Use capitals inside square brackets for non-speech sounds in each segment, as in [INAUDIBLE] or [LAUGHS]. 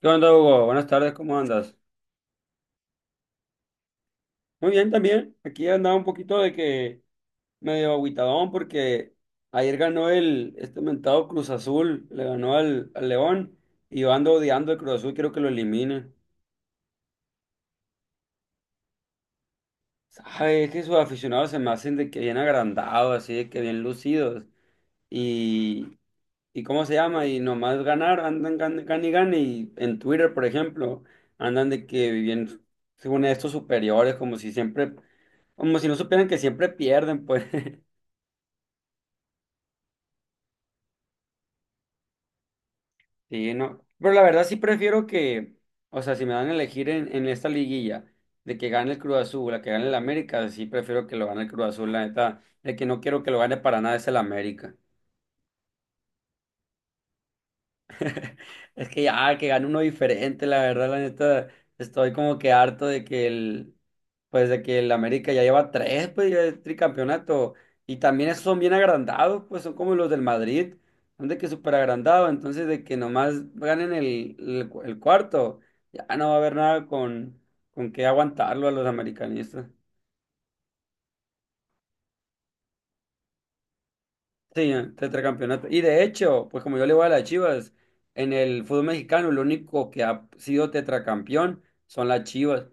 ¿Qué onda, Hugo? Buenas tardes, ¿cómo andas? Muy bien también. Aquí andaba un poquito de que medio agüitadón porque ayer ganó el este mentado Cruz Azul, le ganó al León y yo ando odiando el Cruz Azul, quiero que lo eliminen. ¿Sabes? Es que sus aficionados se me hacen de que bien agrandados, así de que bien lucidos. Y, y cómo se llama, y nomás ganar, andan gane y gane, y en Twitter, por ejemplo, andan de que viven según estos superiores, como si siempre, como si no supieran que siempre pierden, pues, [LAUGHS] sí, no, pero la verdad sí prefiero que, o sea, si me dan a elegir en esta liguilla, de que gane el Cruz Azul, la que gane el América, sí prefiero que lo gane el Cruz Azul, la neta, el que no quiero que lo gane para nada es el América. Es que ya, que gane uno diferente, la verdad, la neta, estoy como que harto de que el, pues de que el América ya lleva tres, pues ya el tricampeonato, y también esos son bien agrandados, pues son como los del Madrid, son de que súper agrandados, entonces de que nomás ganen el cuarto, ya no va a haber nada con, con qué aguantarlo a los americanistas. Sí, tetracampeonato. Y de hecho, pues como yo le voy a las Chivas, en el fútbol mexicano lo único que ha sido tetracampeón son las Chivas.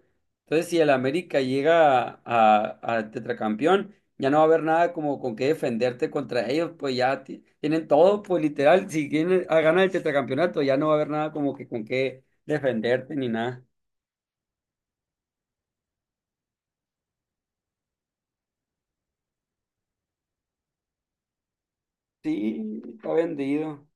Entonces, si el América llega a tetracampeón, ya no va a haber nada como con qué defenderte contra ellos, pues ya tienen todo, pues literal, si quieren a ganar el tetracampeonato, ya no va a haber nada como que con qué defenderte ni nada. Sí, está vendido.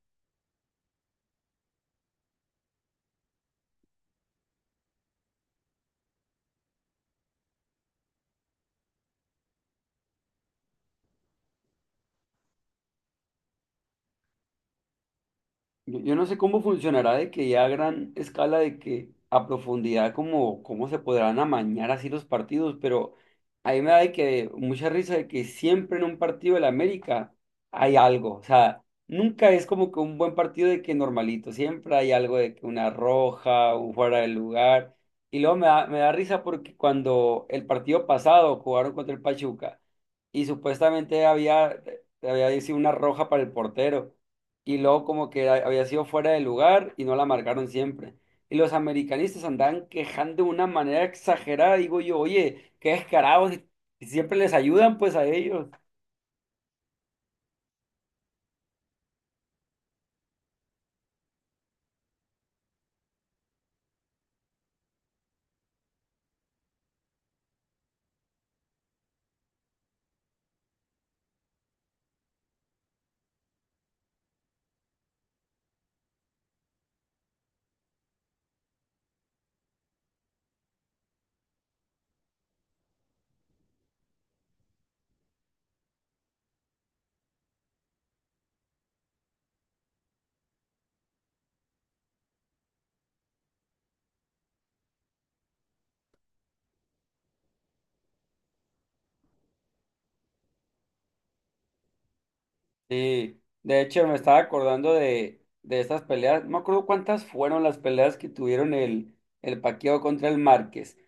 Yo no sé cómo funcionará de que ya a gran escala, de que a profundidad, como cómo se podrán amañar así los partidos, pero a mí me da de que mucha risa de que siempre en un partido del América hay algo, o sea, nunca es como que un buen partido de que normalito, siempre hay algo de que una roja, un fuera de lugar, y luego me da risa porque cuando el partido pasado jugaron contra el Pachuca y supuestamente había sido una roja para el portero y luego como que había sido fuera de lugar y no la marcaron siempre. Y los americanistas andaban quejando de una manera exagerada, digo yo, oye, qué descarados, y siempre les ayudan pues a ellos. Sí, de hecho me estaba acordando de estas peleas, no me acuerdo cuántas fueron las peleas que tuvieron el Paquiao contra el Márquez.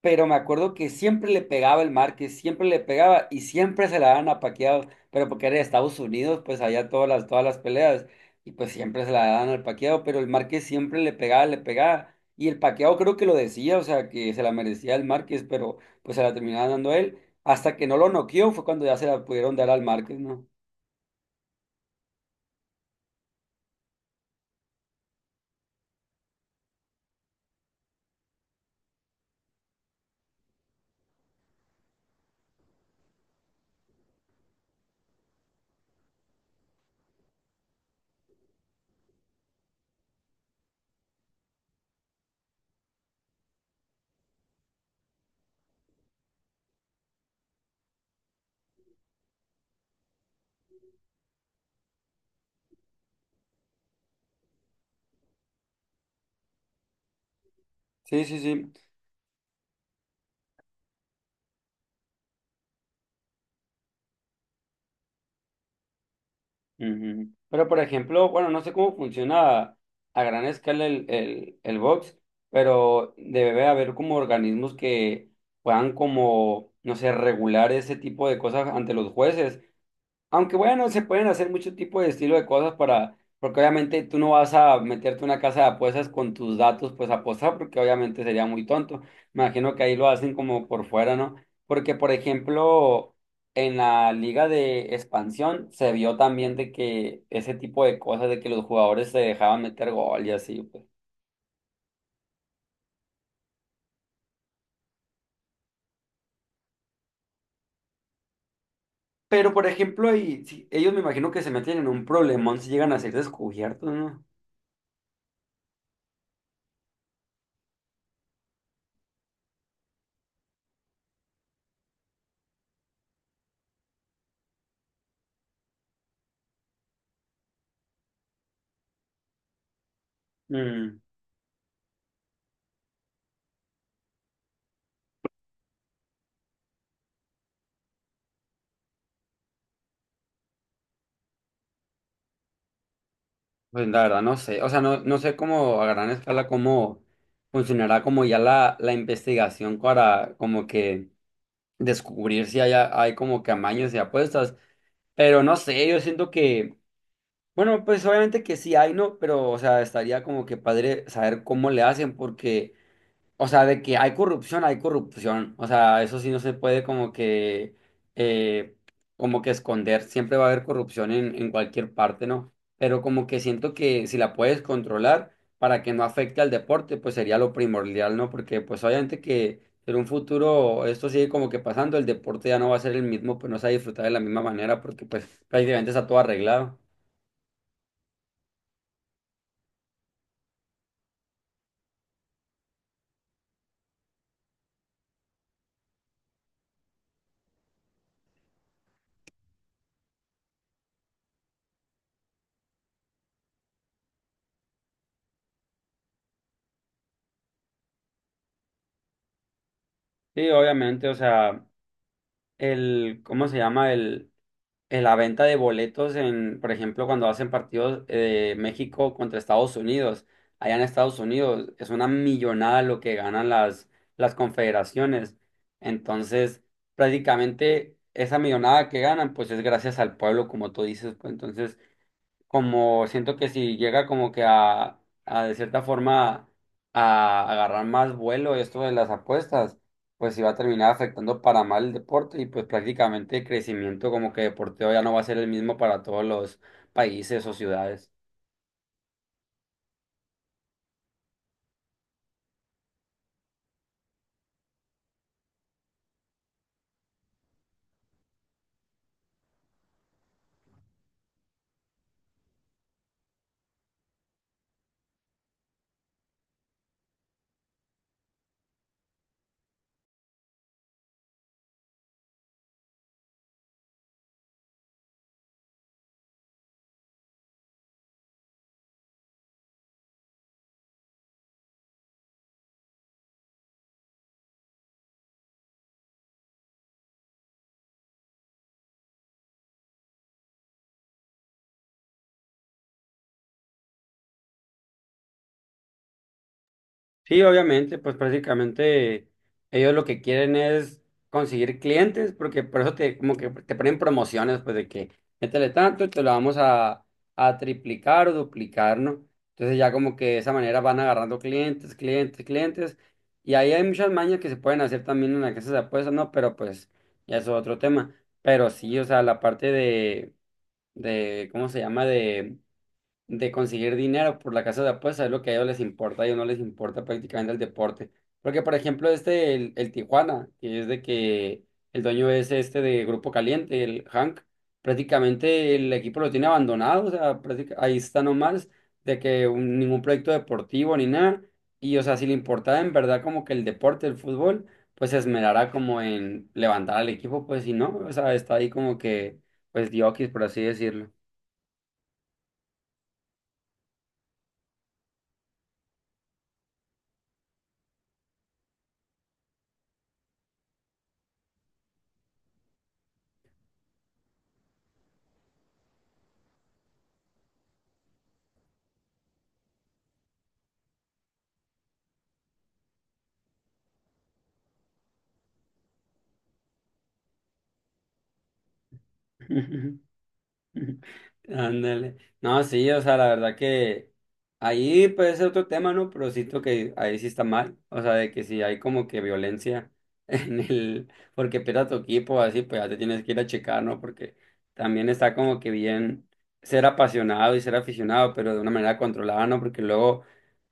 Pero me acuerdo que siempre le pegaba el Márquez, siempre le pegaba y siempre se la daban a Pacquiao, pero porque era de Estados Unidos, pues allá todas las peleas, y pues siempre se la daban al Pacquiao, pero el Márquez siempre le pegaba, y el Pacquiao creo que lo decía, o sea, que se la merecía el Márquez, pero pues se la terminaba dando él, hasta que no lo noqueó, fue cuando ya se la pudieron dar al Márquez, ¿no? Sí, sí, sí. Ujú. Pero por ejemplo, bueno, no sé cómo funciona a gran escala el box, pero debe haber como organismos que puedan como, no sé, regular ese tipo de cosas ante los jueces, aunque bueno, se pueden hacer mucho tipo de estilo de cosas para, porque obviamente tú no vas a meterte a una casa de apuestas con tus datos, pues a apostar, porque obviamente sería muy tonto. Me imagino que ahí lo hacen como por fuera, ¿no? Porque, por ejemplo, en la liga de expansión se vio también de que ese tipo de cosas, de que los jugadores se dejaban meter gol y así, pues. Pero, por ejemplo, ahí, sí, ellos me imagino que se meten en un problemón si llegan a ser descubiertos, ¿no? Mm. Pues la verdad no sé, o sea, no, no sé cómo a gran escala cómo funcionará como ya la investigación para como que descubrir si hay, hay como que amaños y apuestas, pero no sé, yo siento que, bueno, pues obviamente que sí hay, ¿no? Pero, o sea, estaría como que padre saber cómo le hacen porque o sea, de que hay corrupción, hay corrupción. O sea, eso sí no se puede eh, como que esconder. Siempre va a haber corrupción en cualquier parte, ¿no? Pero como que siento que si la puedes controlar para que no afecte al deporte, pues sería lo primordial, ¿no? Porque pues obviamente que en un futuro esto sigue como que pasando, el deporte ya no va a ser el mismo, pues no se va a disfrutar de la misma manera porque pues prácticamente está todo arreglado. Sí, obviamente, o sea, el, ¿cómo se llama? El... en la venta de boletos en, por ejemplo, cuando hacen partidos de México contra Estados Unidos, allá en Estados Unidos es una millonada lo que ganan las confederaciones. Entonces, prácticamente esa millonada que ganan, pues es gracias al pueblo, como tú dices, pues entonces como siento que si llega como que a de cierta forma a agarrar más vuelo esto de las apuestas, pues sí va a terminar afectando para mal el deporte y pues prácticamente el crecimiento como que deporteo ya no va a ser el mismo para todos los países o ciudades. Sí, obviamente, pues prácticamente ellos lo que quieren es conseguir clientes, porque por eso te, como que te ponen promociones, pues de que métele tanto y te lo vamos a triplicar o duplicar, ¿no? Entonces ya como que de esa manera van agarrando clientes, clientes, clientes, y ahí hay muchas mañas que se pueden hacer también en las casas de apuestas, ¿no? Pero pues ya es otro tema. Pero sí, o sea, la parte de, ¿cómo se llama? De conseguir dinero por la casa de apuestas, es lo que a ellos les importa, a ellos no les importa prácticamente el deporte. Porque, por ejemplo, este, el Tijuana, que es de que el dueño es este de Grupo Caliente, el Hank, prácticamente el equipo lo tiene abandonado, o sea, ahí está nomás, de que ningún proyecto deportivo ni nada. Y, o sea, si le importaba en verdad como que el deporte, el fútbol, pues se esmerará como en levantar al equipo, pues si no, o sea, está ahí como que, pues, diokis, por así decirlo. [LAUGHS] [LAUGHS] Ándale. No, sí, o sea, la verdad que ahí puede ser otro tema, ¿no? Pero siento que ahí sí está mal. O sea, de que si hay como que violencia [LAUGHS] en el, porque pierda tu equipo, así, pues ya te tienes que ir a checar, ¿no? Porque también está como que bien ser apasionado y ser aficionado, pero de una manera controlada, ¿no? Porque luego,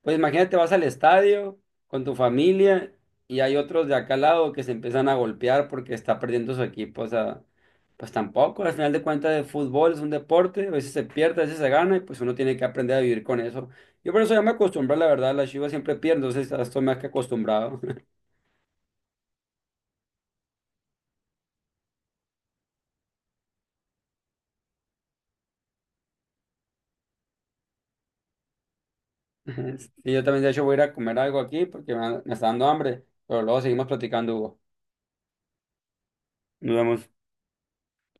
pues imagínate, vas al estadio con tu familia y hay otros de acá al lado que se empiezan a golpear porque está perdiendo su equipo. O sea, pues tampoco, al final de cuentas el fútbol es un deporte, a veces se pierde, a veces se gana y pues uno tiene que aprender a vivir con eso. Yo por eso ya me acostumbré, la verdad, las Chivas siempre pierden, entonces ya estoy más que acostumbrado. [LAUGHS] Y yo también de hecho voy a ir a comer algo aquí porque me está dando hambre, pero luego seguimos platicando, Hugo. Nos vemos.